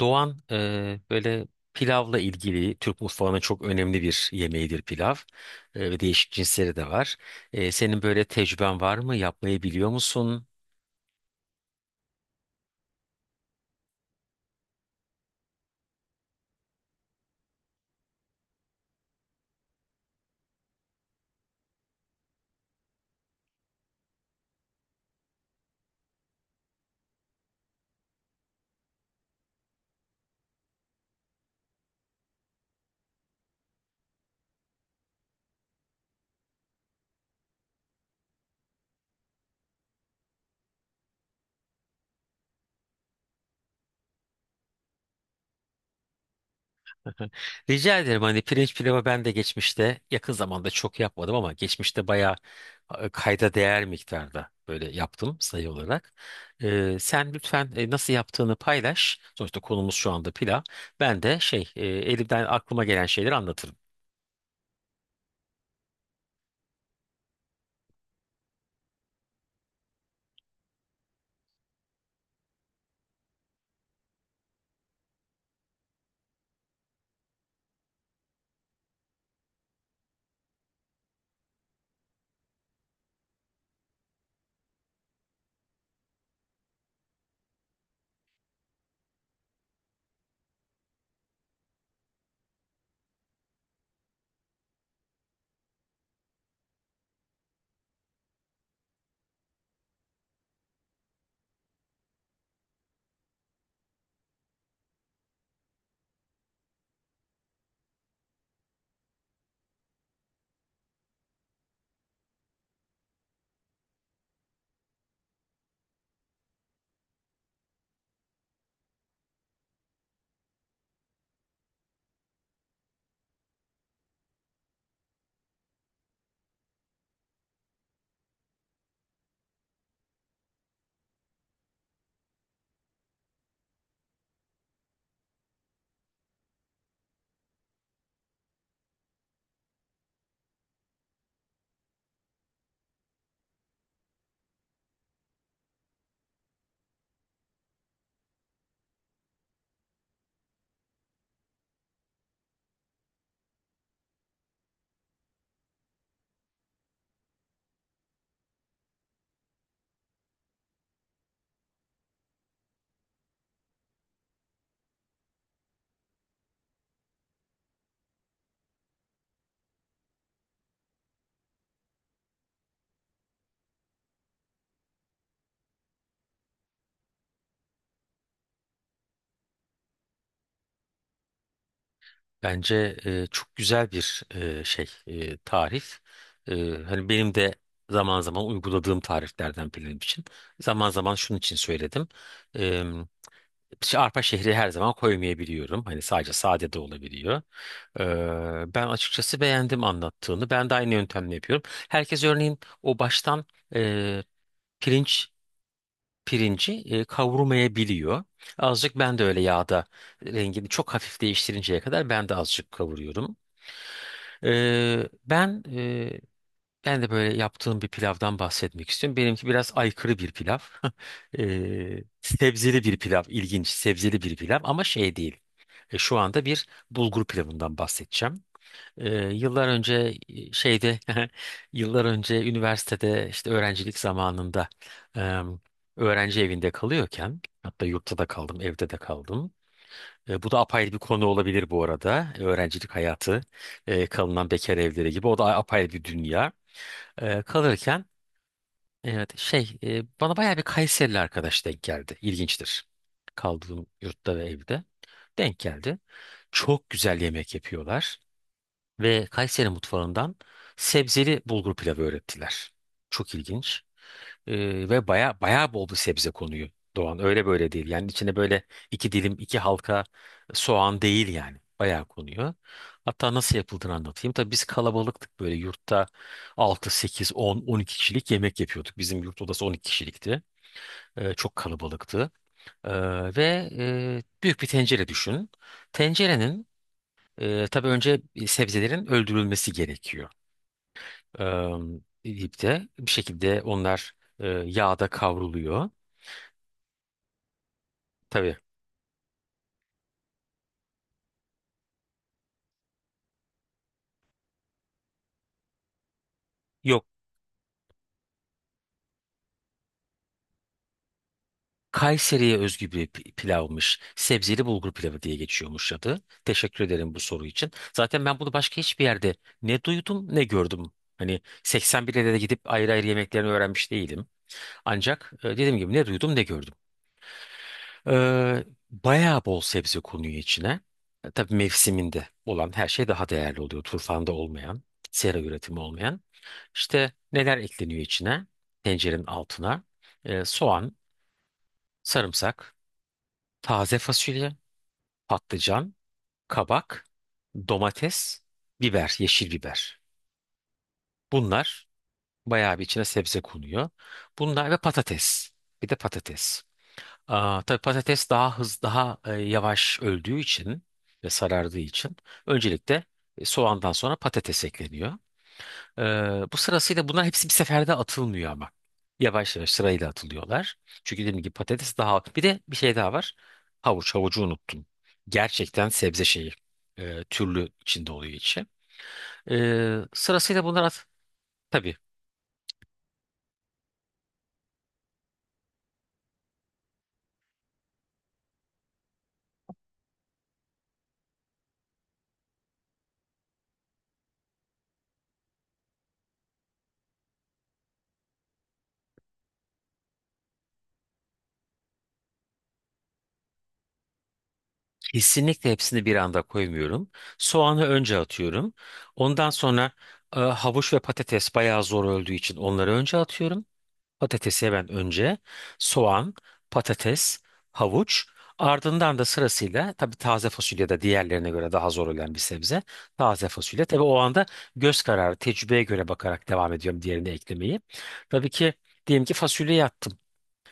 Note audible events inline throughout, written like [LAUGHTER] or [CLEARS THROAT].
Doğan böyle pilavla ilgili Türk mutfağının çok önemli bir yemeğidir pilav. Ve değişik cinsleri de var. Senin böyle tecrüben var mı? Yapmayı biliyor musun? Rica ederim, hani pirinç pilavı ben de geçmişte yakın zamanda çok yapmadım ama geçmişte bayağı kayda değer miktarda böyle yaptım sayı olarak. Sen lütfen nasıl yaptığını paylaş. Sonuçta konumuz şu anda pilav. Ben de elimden aklıma gelen şeyleri anlatırım. Bence çok güzel bir tarif. E, Hani benim de zaman zaman uyguladığım tariflerden benim için. Zaman zaman şunun için söyledim. E, işte arpa şehri her zaman koymayabiliyorum. Hani sadece sade de olabiliyor. Ben açıkçası beğendim anlattığını. Ben de aynı yöntemle yapıyorum. Herkes örneğin o baştan e, pirinç pirinci e, kavurmayabiliyor. Azıcık ben de öyle yağda rengini çok hafif değiştirinceye kadar ben de azıcık kavuruyorum. Ee, ben e, Ben de böyle yaptığım bir pilavdan bahsetmek istiyorum. Benimki biraz aykırı bir pilav. [LAUGHS] Sebzeli bir pilav, ilginç sebzeli bir pilav ama şey değil. Şu anda bir bulgur pilavından bahsedeceğim. Yıllar önce e, şeyde [LAUGHS] yıllar önce üniversitede işte öğrencilik zamanında em, öğrenci evinde kalıyorken hatta yurtta da kaldım, evde de kaldım. Bu da apayrı bir konu olabilir bu arada. Öğrencilik hayatı, kalınan bekar evleri gibi. O da apayrı bir dünya. Kalırken, evet, bana bayağı bir Kayserili arkadaş denk geldi. İlginçtir. Kaldığım yurtta ve evde denk geldi. Çok güzel yemek yapıyorlar ve Kayseri mutfağından sebzeli bulgur pilavı öğrettiler. Çok ilginç. Ve baya baya bol bir sebze konuyor, Doğan. Öyle böyle değil. Yani içine böyle iki dilim, iki halka soğan değil yani. Bayağı konuyor. Hatta nasıl yapıldığını anlatayım. Tabii biz kalabalıktık, böyle yurtta altı, sekiz, 10, 12 kişilik yemek yapıyorduk. Bizim yurt odası 12 kişilikti. Çok kalabalıktı. Ee, Büyük bir tencere düşün. Tencerenin, tabii önce sebzelerin öldürülmesi gerekiyor. Ee, ipte bir şekilde onlar yağda kavruluyor. Tabii. Yok. Kayseri'ye özgü bir pilavmış. Sebzeli bulgur pilavı diye geçiyormuş adı. Teşekkür ederim bu soru için. Zaten ben bunu başka hiçbir yerde ne duydum ne gördüm. Hani 81'e de gidip ayrı ayrı yemeklerini öğrenmiş değilim. Ancak dediğim gibi ne duydum ne gördüm. Ee, Bayağı bol sebze konuyor içine. Tabii mevsiminde olan her şey daha değerli oluyor. Turfanda olmayan, sera üretimi olmayan. İşte neler ekleniyor içine? Tencerenin altına. Soğan, sarımsak. Taze fasulye, patlıcan, kabak, domates, biber, yeşil biber. Bunlar bayağı bir içine sebze konuyor. Bunlar ve patates. Bir de patates. Aa, tabii patates daha yavaş öldüğü için ve sarardığı için öncelikle soğandan sonra patates ekleniyor. Ee, Bu sırasıyla bunlar hepsi bir seferde atılmıyor ama. Yavaş yavaş sırayla atılıyorlar. Çünkü dediğim gibi patates daha. Bir de bir şey daha var. Havuç. Havucu unuttum. Gerçekten sebze şeyi. Türlü içinde oluyor içi. Sırasıyla bunlar. Tabii, kesinlikle hepsini bir anda koymuyorum. Soğanı önce atıyorum. Ondan sonra havuç ve patates bayağı zor öldüğü için onları önce atıyorum. Patatesi ben önce soğan, patates, havuç, ardından da sırasıyla tabii taze fasulye de diğerlerine göre daha zor olan bir sebze. Taze fasulye, tabii o anda göz kararı tecrübeye göre bakarak devam ediyorum diğerini eklemeyi. Tabii ki diyelim ki fasulyeyi attım.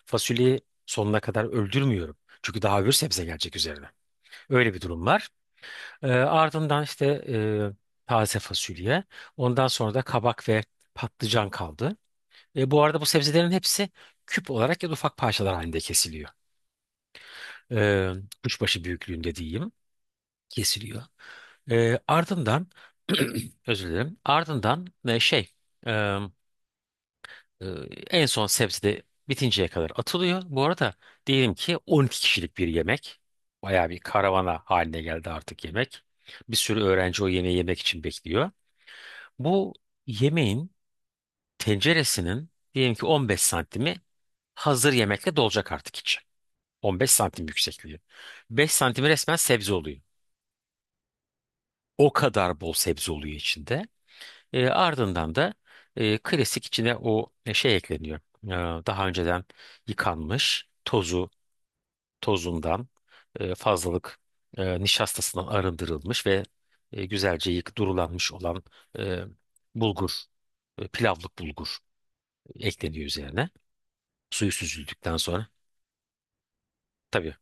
Fasulyeyi sonuna kadar öldürmüyorum. Çünkü daha öbür sebze gelecek üzerine. Öyle bir durum var. Ardından işte taze fasulye. Ondan sonra da kabak ve patlıcan kaldı. Ve bu arada bu sebzelerin hepsi küp olarak ya da ufak parçalar halinde kesiliyor. Ee, Kuşbaşı büyüklüğünde diyeyim, kesiliyor. Ardından [CLEARS THROAT] özür dilerim. Ardından, e, e, en son sebze de bitinceye kadar atılıyor. Bu arada diyelim ki 12 kişilik bir yemek. Bayağı bir karavana haline geldi artık yemek. Bir sürü öğrenci o yemeği yemek için bekliyor. Bu yemeğin tenceresinin diyelim ki 15 santimi hazır yemekle dolacak artık içi. 15 santim yüksekliği. 5 santim resmen sebze oluyor. O kadar bol sebze oluyor içinde. Ardından da klasik içine o ekleniyor. E, Daha önceden yıkanmış, tozundan fazlalık nişastasından arındırılmış ve güzelce durulanmış olan e, bulgur, pilavlık bulgur ekleniyor üzerine. Suyu süzüldükten sonra. Tabii.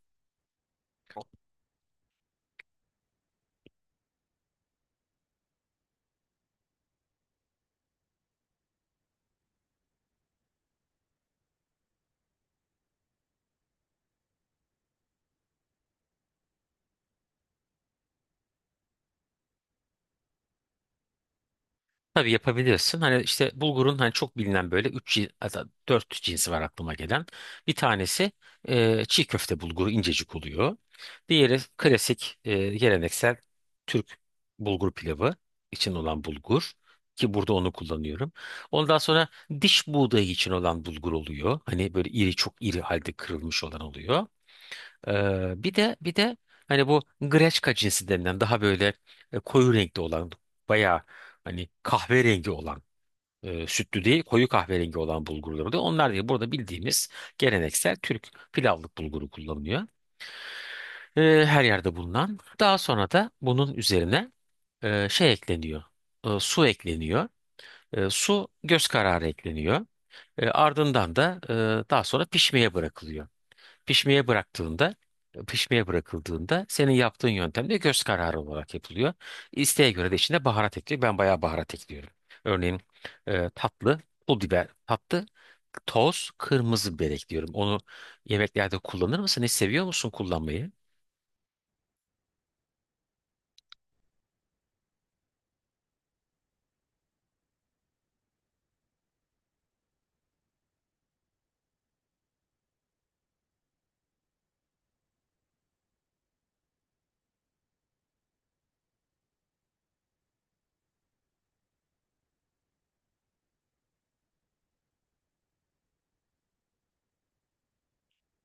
Tabii yapabilirsin. Hani işte bulgurun, hani çok bilinen böyle 3 4 cinsi var aklıma gelen. Bir tanesi çiğ köfte bulguru, incecik oluyor. Diğeri klasik, geleneksel Türk bulgur pilavı için olan bulgur ki burada onu kullanıyorum. Ondan sonra diş buğdayı için olan bulgur oluyor. Hani böyle iri, çok iri halde kırılmış olan oluyor. Bir de hani bu greçka cinsi denilen daha böyle koyu renkli olan, bayağı hani kahverengi olan, sütlü değil koyu kahverengi olan bulgurlar oluyor. Onlar değil, burada bildiğimiz geleneksel Türk pilavlık bulguru kullanılıyor. Her yerde bulunan. Daha sonra da bunun üzerine ekleniyor. Su ekleniyor. Su göz kararı ekleniyor. Ardından da daha sonra pişmeye bırakılıyor. Pişmeye bıraktığında, pişmeye bırakıldığında senin yaptığın yöntemde göz kararı olarak yapılıyor. İsteğe göre de içine baharat ekliyor. Ben bayağı baharat ekliyorum. Örneğin tatlı, pul biber, tatlı, toz, kırmızı biber ekliyorum. Onu yemeklerde kullanır mısın? Hiç seviyor musun kullanmayı?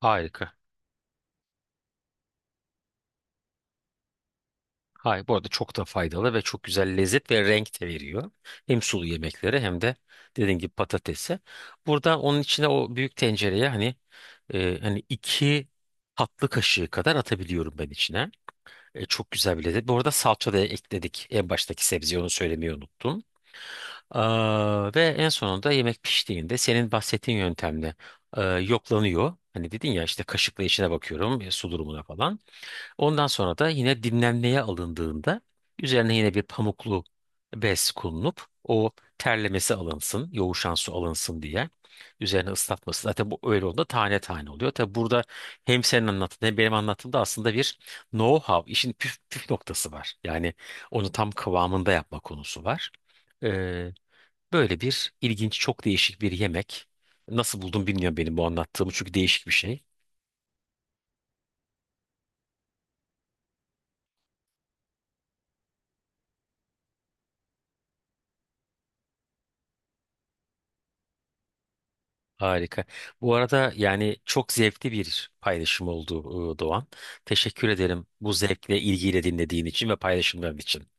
Harika. Hayır, bu arada çok da faydalı ve çok güzel lezzet ve renk de veriyor. Hem sulu yemeklere hem de dediğin gibi patatese. Burada onun içine o büyük tencereye hani iki tatlı kaşığı kadar atabiliyorum ben içine. Çok güzel bir lezzet. Bu arada salça da ekledik en baştaki sebzeye, onu söylemeyi unuttum. Aa, ve en sonunda yemek piştiğinde senin bahsettiğin yöntemle yoklanıyor. Hani dedin ya, işte kaşıkla içine bakıyorum su durumuna falan. Ondan sonra da yine dinlenmeye alındığında üzerine yine bir pamuklu bez konulup o terlemesi alınsın, yoğuşan su alınsın diye üzerine ıslatması. Zaten bu öyle olduğunda tane tane oluyor. Tabi burada hem senin anlattığın hem benim anlattığımda aslında bir know-how, işin püf noktası var. Yani onu tam kıvamında yapma konusu var. Ee, Böyle bir ilginç, çok değişik bir yemek. Nasıl buldum bilmiyorum benim bu anlattığımı, çünkü değişik bir şey. Harika. Bu arada yani çok zevkli bir paylaşım oldu, Doğan. Teşekkür ederim bu zevkle, ilgiyle dinlediğin için ve paylaşımların için.